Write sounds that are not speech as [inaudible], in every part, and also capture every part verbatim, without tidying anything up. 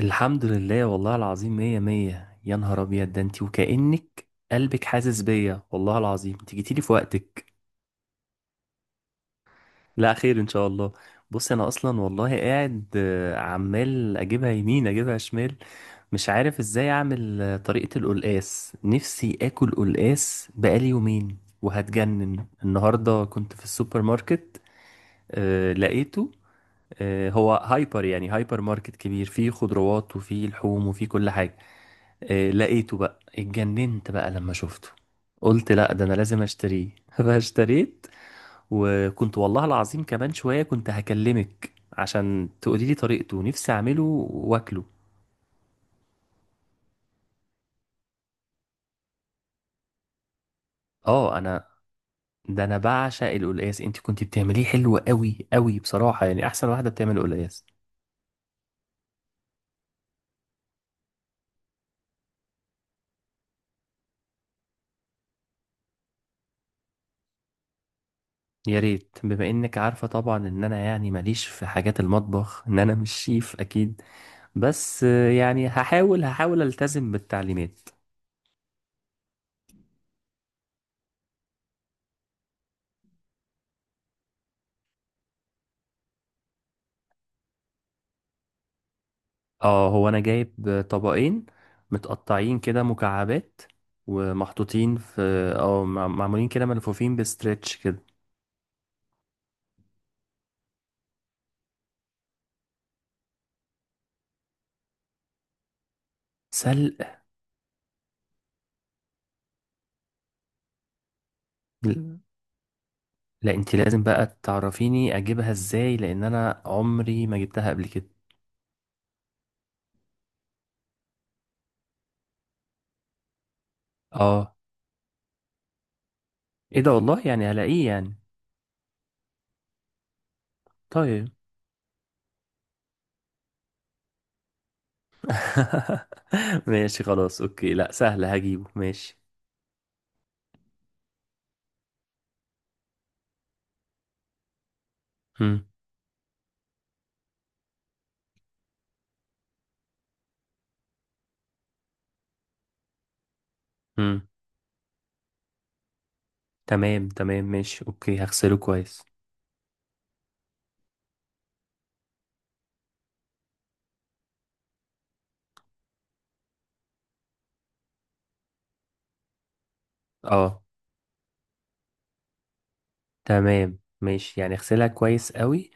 الحمد لله، والله العظيم مية مية. يا نهار أبيض، ده انتي وكأنك قلبك حاسس بيا. والله العظيم انت جيتيلي في وقتك. لا خير إن شاء الله. بص، أنا أصلا والله قاعد آه، عمال أجيبها يمين أجيبها شمال، مش عارف إزاي أعمل. آه، طريقة القلقاس، نفسي آكل قلقاس بقالي يومين وهتجنن. النهاردة كنت في السوبر ماركت، آه، لقيته. آه، هو هايبر، يعني هايبر ماركت كبير فيه خضروات وفيه لحوم وفيه كل حاجة. إيه لقيته بقى، اتجننت بقى لما شفته. قلت لا ده انا لازم اشتريه [laughs] فاشتريت. وكنت والله العظيم كمان شوية كنت هكلمك عشان تقولي لي طريقته، نفسي اعمله واكله. اه، انا ده انا بعشق القلقاس. انت كنت بتعمليه حلو قوي قوي بصراحة، يعني احسن واحدة بتعمل قلقاس. يا ريت، بما انك عارفة طبعا ان انا يعني ماليش في حاجات المطبخ، ان انا مش شيف اكيد. بس، آه، يعني هحاول هحاول التزم بالتعليمات. اه، هو انا جايب طبقين متقطعين كده مكعبات، ومحطوطين في، اه مع- معمولين كده ملفوفين بستريتش كده. سلق. ل- لا انت لازم بقى تعرفيني اجيبها ازاي، لان انا عمري ما جبتها قبل كده. اه، ايه ده والله، يعني هلاقيه يعني؟ طيب. [laughs] ماشي، خلاص اوكي، لا سهل هجيبه ماشي. هم. هم. تمام تمام ماشي، اوكي هغسله كويس. اه تمام ماشي، يعني اغسلها كويس قوي،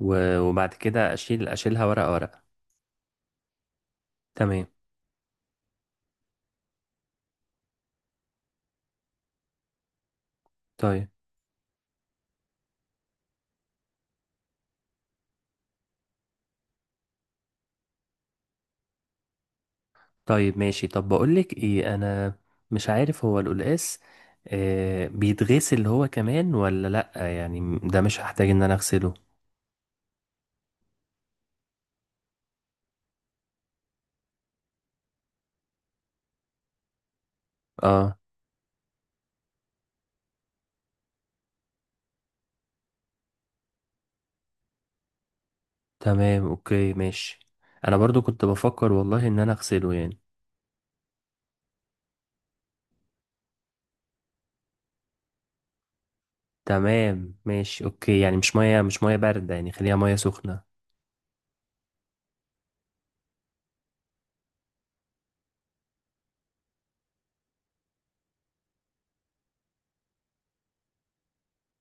و- وبعد كده اشيل، اشيلها ورقة ورقة. تمام. طيب. طيب ماشي. طب بقولك ايه، انا مش عارف هو القلقاس آه بيتغسل هو كمان ولا لأ؟ يعني م- ده مش هحتاج ان انا اغسله؟ اه تمام اوكي ماشي، انا برضو كنت بفكر والله ان انا اغسله يعني. تمام ماشي اوكي، يعني مش مية، مش مية باردة يعني، خليها مية سخنة.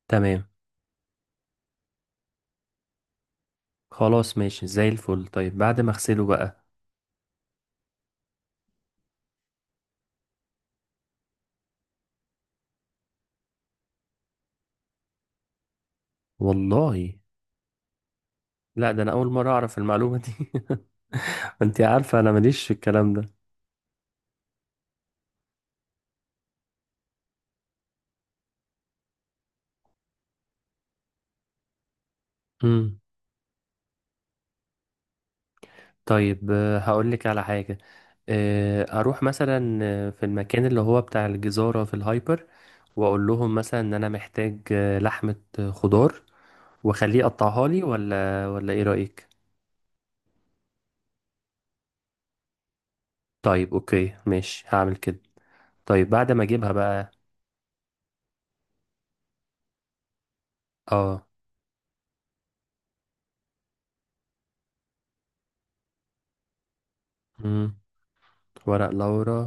تمام. خلاص ماشي، زي الفل. طيب بعد ما اغسله بقى؟ والله؟ لا ده انا اول مرة اعرف المعلومة دي. [laughs] انت عارفة انا ماليش في الكلام ده. امم. طيب، آه، هقول لك على حاجة. آه، اروح مثلا آه، في المكان اللي هو بتاع الجزارة في الهايبر، واقول لهم مثلا ان انا محتاج آه، لحمة، آه، خضار، واخليه يقطعها لي، ولا ولا ايه رأيك؟ طيب اوكي ماشي هعمل كده. طيب بعد ما اجيبها بقى؟ اه. امم. ورق لورا.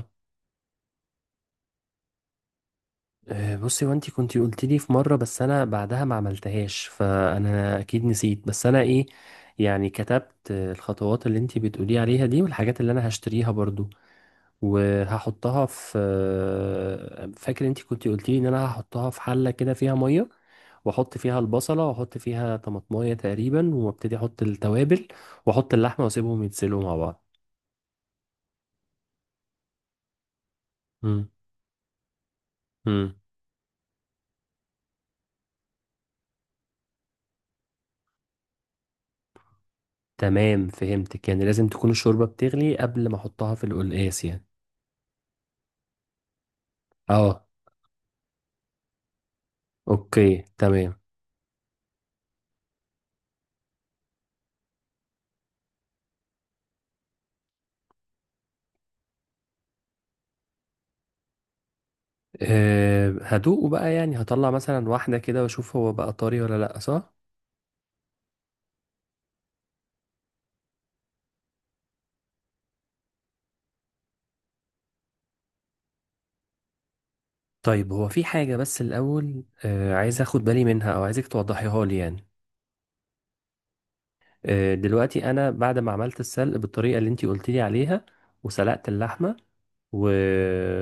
آه، بصي، وانتي كنتي قلت لي في مرة، بس انا بعدها ما عملتهاش فانا اكيد نسيت، بس انا ايه، يعني كتبت آه، الخطوات اللي انتي بتقولي عليها دي، والحاجات اللي انا هشتريها برضو. وهحطها في، آه، فاكر انتي كنتي قلت لي ان انا هحطها في حلة كده فيها مية، واحط فيها البصلة، واحط فيها طماطماية تقريبا، وابتدي احط التوابل، واحط اللحمة، واسيبهم يتسلقوا مع بعض. مم. مم. تمام فهمتك، يعني لازم تكون الشوربة بتغلي قبل ما احطها في القلقاس يعني. اه اوكي تمام. أه هدوقه بقى، يعني هطلع مثلا واحدة كده واشوف هو بقى طري ولا لأ، صح؟ طيب هو في حاجة بس الأول أه عايز اخد بالي منها، او عايزك توضحيها لي يعني. أه دلوقتي انا بعد ما عملت السلق بالطريقة اللي انتي قلت لي عليها، وسلقت اللحمة و...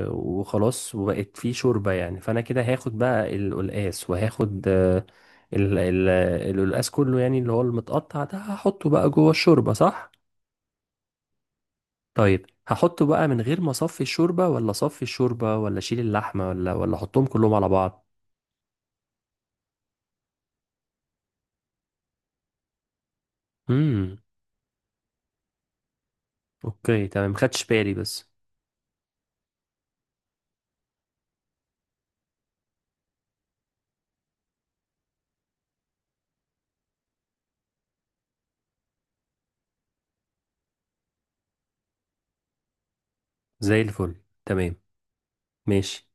وخلاص وبقت فيه شوربة يعني، فانا كده هاخد بقى القلقاس، وهاخد أه ال... ال... القلقاس كله، يعني اللي هو المتقطع ده هحطه بقى جوه الشوربة، صح؟ طيب هحطه بقى من غير ما اصفي الشوربه؟ ولا اصفي الشوربه، ولا اشيل اللحمه، ولا ولا احطهم كلهم على بعض؟ امم. اوكي تمام، خدش بالي بس. زي الفل. تمام ماشي.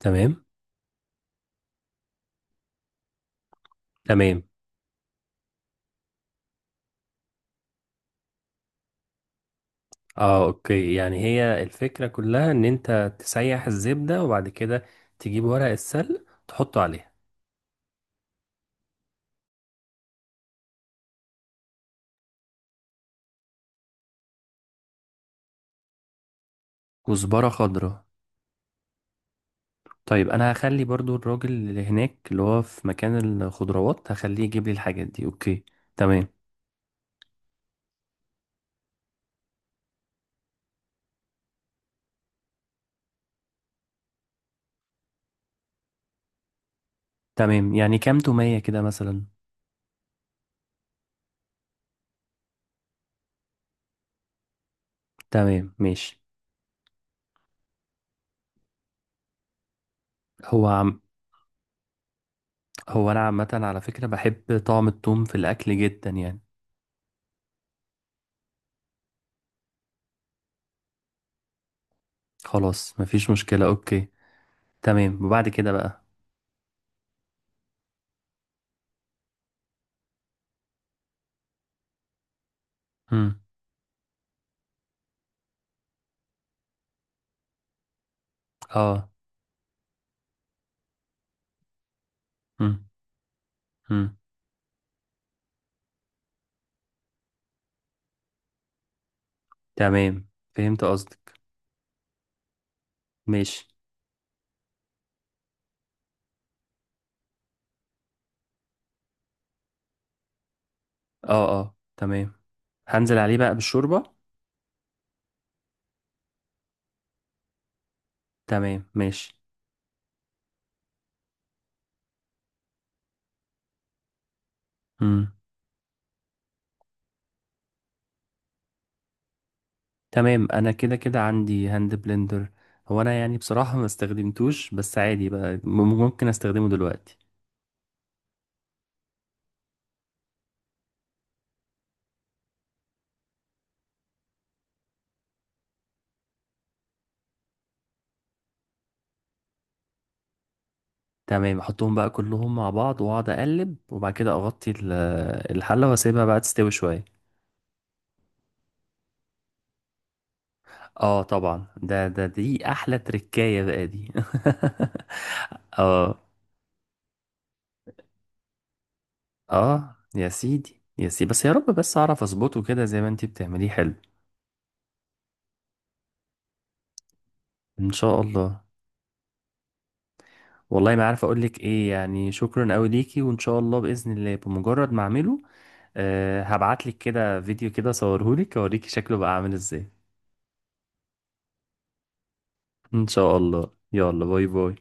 تمام. تمام. اه اوكي، يعني هي الفكره كلها ان انت تسيح الزبده، وبعد كده تجيب ورق السلق تحطه عليها. كزبره خضراء. طيب انا هخلي برضو الراجل اللي هناك اللي هو في مكان الخضروات هخليه يجيب لي الحاجات دي، اوكي. تمام. تمام، يعني كام تومية كده مثلا؟ تمام ماشي. هو عم هو انا عامه على فكره بحب طعم التوم في الاكل جدا يعني. خلاص مفيش مشكله، اوكي. تمام. وبعد كده بقى؟ امم. اه. امم. امم. تمام فهمت قصدك. ماشي. اه اه تمام. هنزل عليه بقى بالشوربه. تمام ماشي. امم. تمام انا كده كده عندي هاند بلندر. هو انا يعني بصراحه ما استخدمتوش، بس عادي بقى م- ممكن استخدمه دلوقتي. تمام احطهم بقى كلهم مع بعض واقعد اقلب، وبعد كده اغطي ال- الحله واسيبها بقى تستوي شويه. اه طبعا، ده ده دي احلى تركايه بقى دي. [laughs] اه. اه يا سيدي، يا سيدي، بس يا رب بس اعرف اظبطه كده زي ما انتي بتعمليه حلو. ان شاء الله. والله ما عارف اقول لك ايه، يعني شكرا قوي ليكي، وان شاء الله باذن الله بمجرد ما اعمله أه هبعت لك كده فيديو كده، صورهولك اوريكي شكله بقى عامل ازاي. ان شاء الله، يلا باي باي.